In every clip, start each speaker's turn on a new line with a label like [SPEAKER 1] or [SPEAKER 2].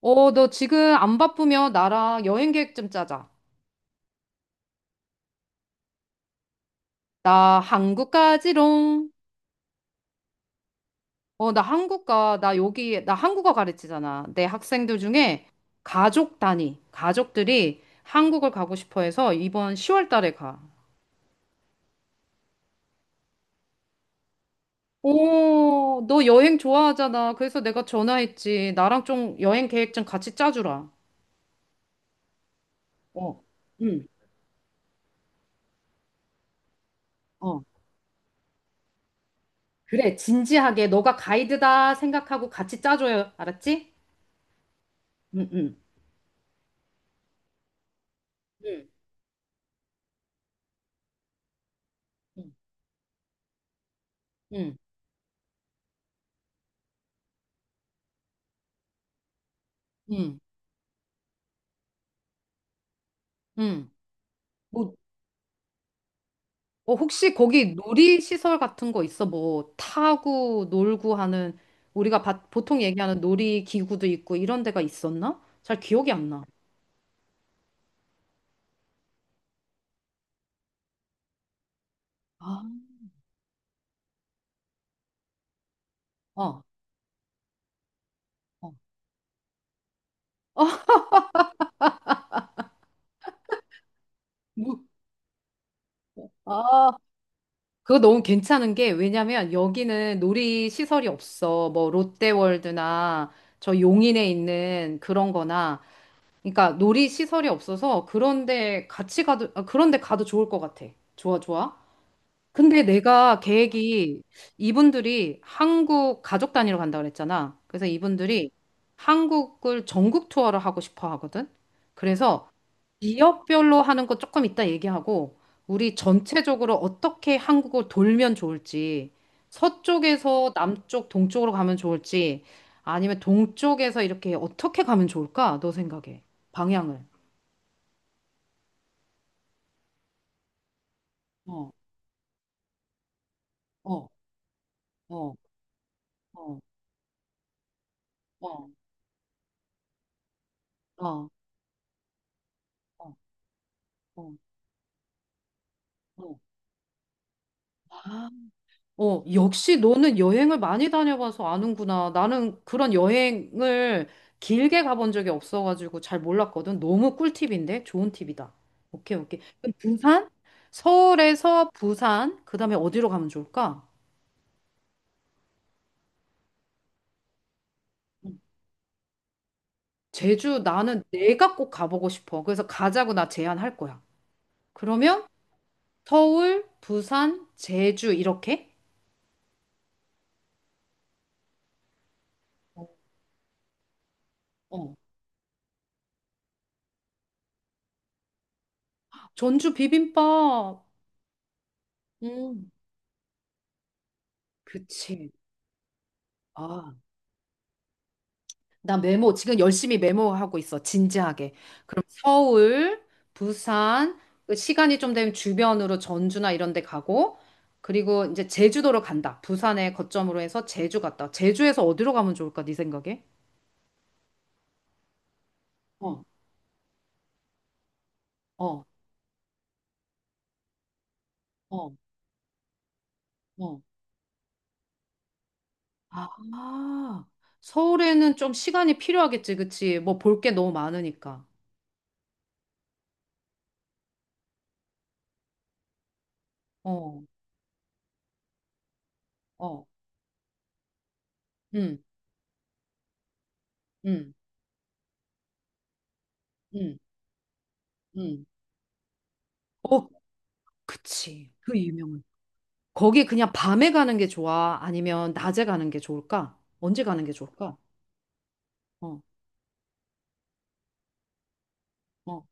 [SPEAKER 1] 어, 너 지금 안 바쁘면 나랑 여행 계획 좀 짜자. 나 한국 가지롱. 어, 나 한국 가. 나 여기, 나 한국어 가르치잖아. 내 학생들 중에 가족 단위, 가족들이 한국을 가고 싶어 해서 이번 10월 달에 가. 오, 너 여행 좋아하잖아. 그래서 내가 전화했지. 나랑 좀 여행 계획 좀 같이 짜주라. 어, 응, 어. 그래, 진지하게. 너가 가이드다 생각하고 같이 짜줘요. 알았지? 응, 응, 응, 응, 응. 응. 응. 뭐, 어, 혹시 거기 놀이시설 같은 거 있어? 뭐, 타고, 놀고 하는, 우리가 보통 얘기하는 놀이기구도 있고, 이런 데가 있었나? 잘 기억이 안 나. 아, 어, 어. 뭐, 아, 그거 너무 괜찮은 게, 왜냐면 여기는 놀이시설이 없어. 뭐, 롯데월드나 저 용인에 있는 그런 거나, 그러니까 놀이시설이 없어서 그런데 같이 가도, 아, 그런데 가도 좋을 것 같아. 좋아, 좋아. 근데 내가 계획이 이분들이 한국 가족 단위로 간다 그랬잖아. 그래서 이분들이 한국을 전국 투어를 하고 싶어 하거든. 그래서 지역별로 하는 거 조금 이따 얘기하고 우리 전체적으로 어떻게 한국을 돌면 좋을지 서쪽에서 남쪽, 동쪽으로 가면 좋을지 아니면 동쪽에서 이렇게 어떻게 가면 좋을까? 너 생각해. 방향을. 어, 어, 어, 어, 어, 어, 어, 어, 어. 어. 어, 역시 너는 여행을 많이 다녀봐서 아는구나. 나는 그런 여행을 길게 가본 적이 없어가지고 잘 몰랐거든. 너무 꿀팁인데? 좋은 팁이다. 오케이, 오케이. 그럼 부산? 서울에서 부산, 그 다음에 어디로 가면 좋을까? 음. 제주, 나는 내가 꼭 가보고 싶어. 그래서 가자고 나 제안할 거야. 그러면 서울, 부산, 제주, 이렇게? 어. 전주 비빔밥. 음, 그치. 아. 나 메모 지금 열심히 메모하고 있어. 진지하게. 그럼 서울, 부산, 그 시간이 좀 되면 주변으로 전주나 이런 데 가고 그리고 이제 제주도로 간다. 부산에 거점으로 해서 제주 갔다. 제주에서 어디로 가면 좋을까? 네 생각에? 어, 어, 어, 어. 아, 서울에는 좀 시간이 필요하겠지, 그치? 뭐 볼 게 너무 많으니까. 어, 어, 응, 응, 응, 응, 어, 그치. 그 유명한. 거기 그냥 밤에 가는 게 좋아? 아니면 낮에 가는 게 좋을까? 언제 가는 게 좋을까? 어, 어.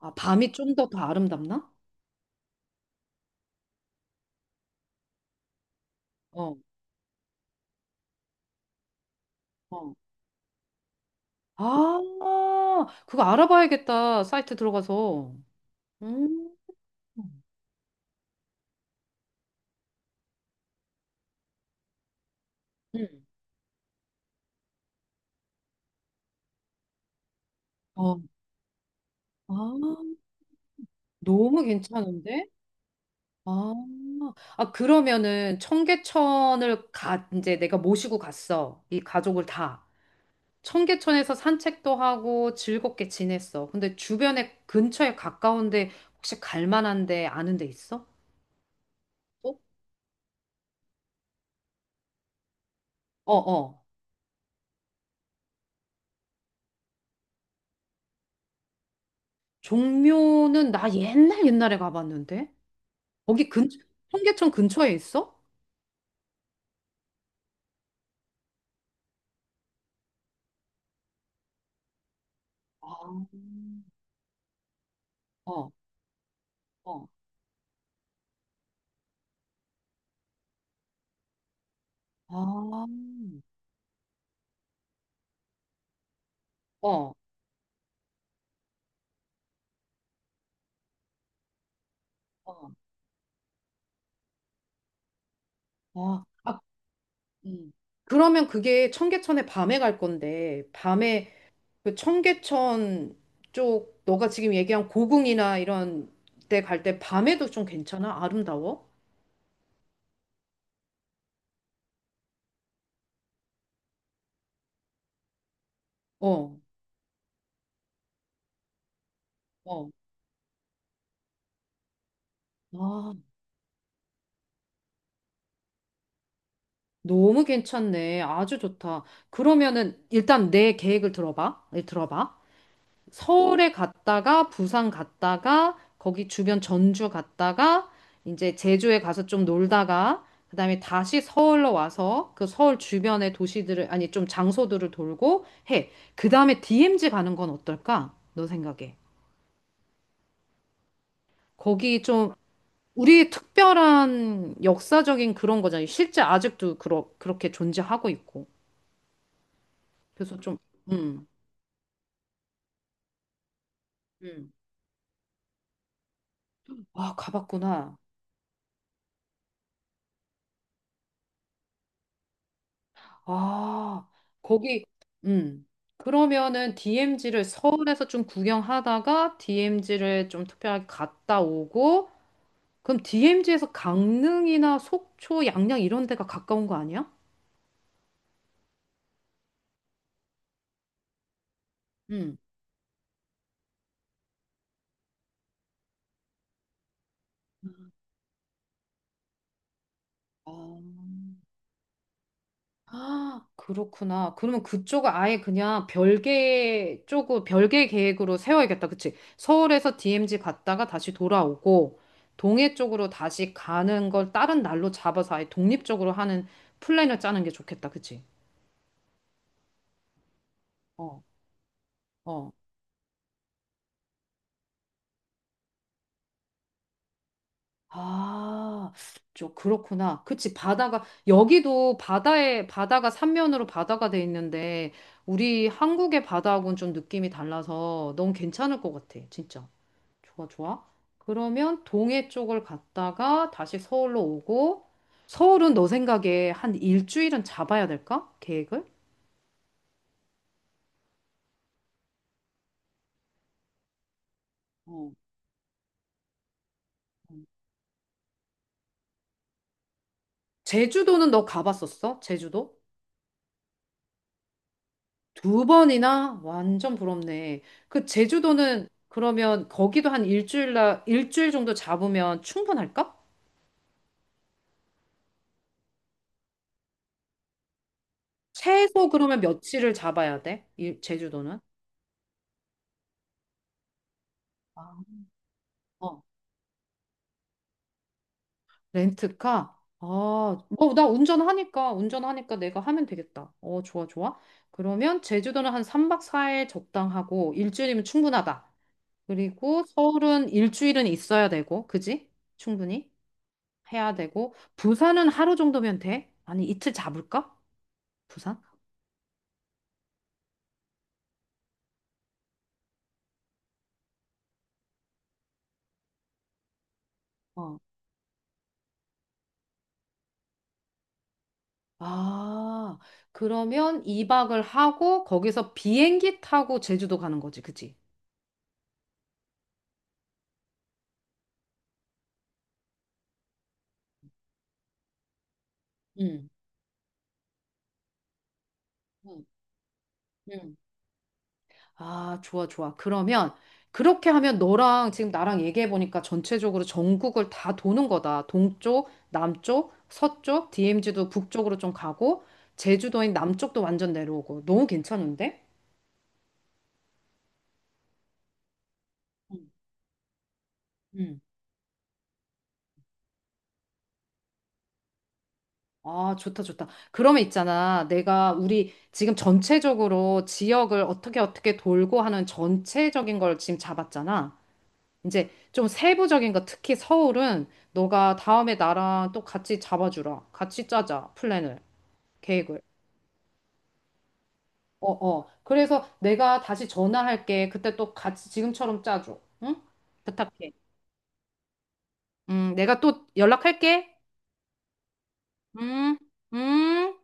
[SPEAKER 1] 아, 밤이 좀 더 아름답나? 어, 어. 아, 그거 알아봐야겠다. 사이트 들어가서. 음, 음. 어, 아, 너무 괜찮은데? 아, 아, 그러면은 청계천을 가, 이제 내가 모시고 갔어. 이 가족을 다. 청계천에서 산책도 하고 즐겁게 지냈어. 근데 주변에 근처에 가까운데 혹시 갈 만한데 아는 데 있어? 어, 어. 어. 종묘는 나 옛날 옛날에 가봤는데 거기 근 청계천 근처에 있어? 아, 어, 어, 아, 어, 어, 어. 아, 음. 그러면 그게 청계천에 밤에 갈 건데 밤에 그 청계천 쪽 너가 지금 얘기한 고궁이나 이런 데 갈 때 밤에도 좀 괜찮아? 아름다워? 어, 어. 아, 너무 괜찮네. 아주 좋다. 그러면은 일단 내 계획을 들어봐. 예, 들어봐. 서울에 갔다가 부산 갔다가 거기 주변 전주 갔다가 이제 제주에 가서 좀 놀다가 그다음에 다시 서울로 와서 그 서울 주변의 도시들을 아니 좀 장소들을 돌고 해. 그다음에 DMZ 가는 건 어떨까? 너 생각에. 거기 좀 우리의 특별한 역사적인 그런 거잖아요. 실제 아직도 그렇게 존재하고 있고. 그래서 좀 음. 음. 아, 가봤구나. 아, 거기, 음. 그러면은 DMZ를 서울에서 좀 구경하다가 DMZ를 좀 특별하게 갔다 오고, 그럼 DMZ에서 강릉이나 속초, 양양 이런 데가 가까운 거 아니야? 음. 아. 아, 그렇구나. 그러면 그쪽은 아예 그냥 별개 쪽으로, 별개 계획으로 세워야겠다. 그치? 서울에서 DMZ 갔다가 다시 돌아오고, 동해 쪽으로 다시 가는 걸 다른 날로 잡아서 아예 독립적으로 하는 플랜을 짜는 게 좋겠다. 그치? 어, 어. 아, 좀 그렇구나. 그치? 바다가, 여기도 바다에, 바다가 삼면으로 바다가 돼 있는데, 우리 한국의 바다하고는 좀 느낌이 달라서 너무 괜찮을 것 같아. 진짜. 좋아, 좋아. 그러면 동해 쪽을 갔다가 다시 서울로 오고, 서울은 너 생각에 한 일주일은 잡아야 될까? 계획을? 어. 음. 제주도는 너 가봤었어? 제주도? 두 번이나? 완전 부럽네. 그 제주도는 그러면 거기도 한 일주일, 나 일주일 정도 잡으면 충분할까? 최소 그러면 며칠을 잡아야 돼? 일, 제주도는? 아, 어, 렌트카? 아, 어, 나 운전하니까, 운전하니까 내가 하면 되겠다. 어, 좋아, 좋아. 그러면 제주도는 한 3박 4일 적당하고, 일주일이면 충분하다. 그리고 서울은 일주일은 있어야 되고, 그지? 충분히 해야 되고, 부산은 하루 정도면 돼? 아니, 이틀 잡을까? 부산? 어. 아, 그러면 2박을 하고, 거기서 비행기 타고 제주도 가는 거지, 그지? 응, 응, 응. 아, 좋아, 좋아. 그러면 그렇게 하면 너랑 지금 나랑 얘기해 보니까 전체적으로 전국을 다 도는 거다. 동쪽, 남쪽, 서쪽, DMZ도 북쪽으로 좀 가고, 제주도인 남쪽도 완전 내려오고. 너무 괜찮은데? 응. 응. 아, 좋다, 좋다. 그러면 있잖아. 내가 우리 지금 전체적으로 지역을 어떻게 어떻게 돌고 하는 전체적인 걸 지금 잡았잖아. 이제 좀 세부적인 거, 특히 서울은 너가 다음에 나랑 또 같이 잡아주라. 같이 짜자. 플랜을, 계획을. 어, 어. 그래서 내가 다시 전화할게. 그때 또 같이 지금처럼 짜줘. 응? 부탁해. 내가 또 연락할게. 음, 음.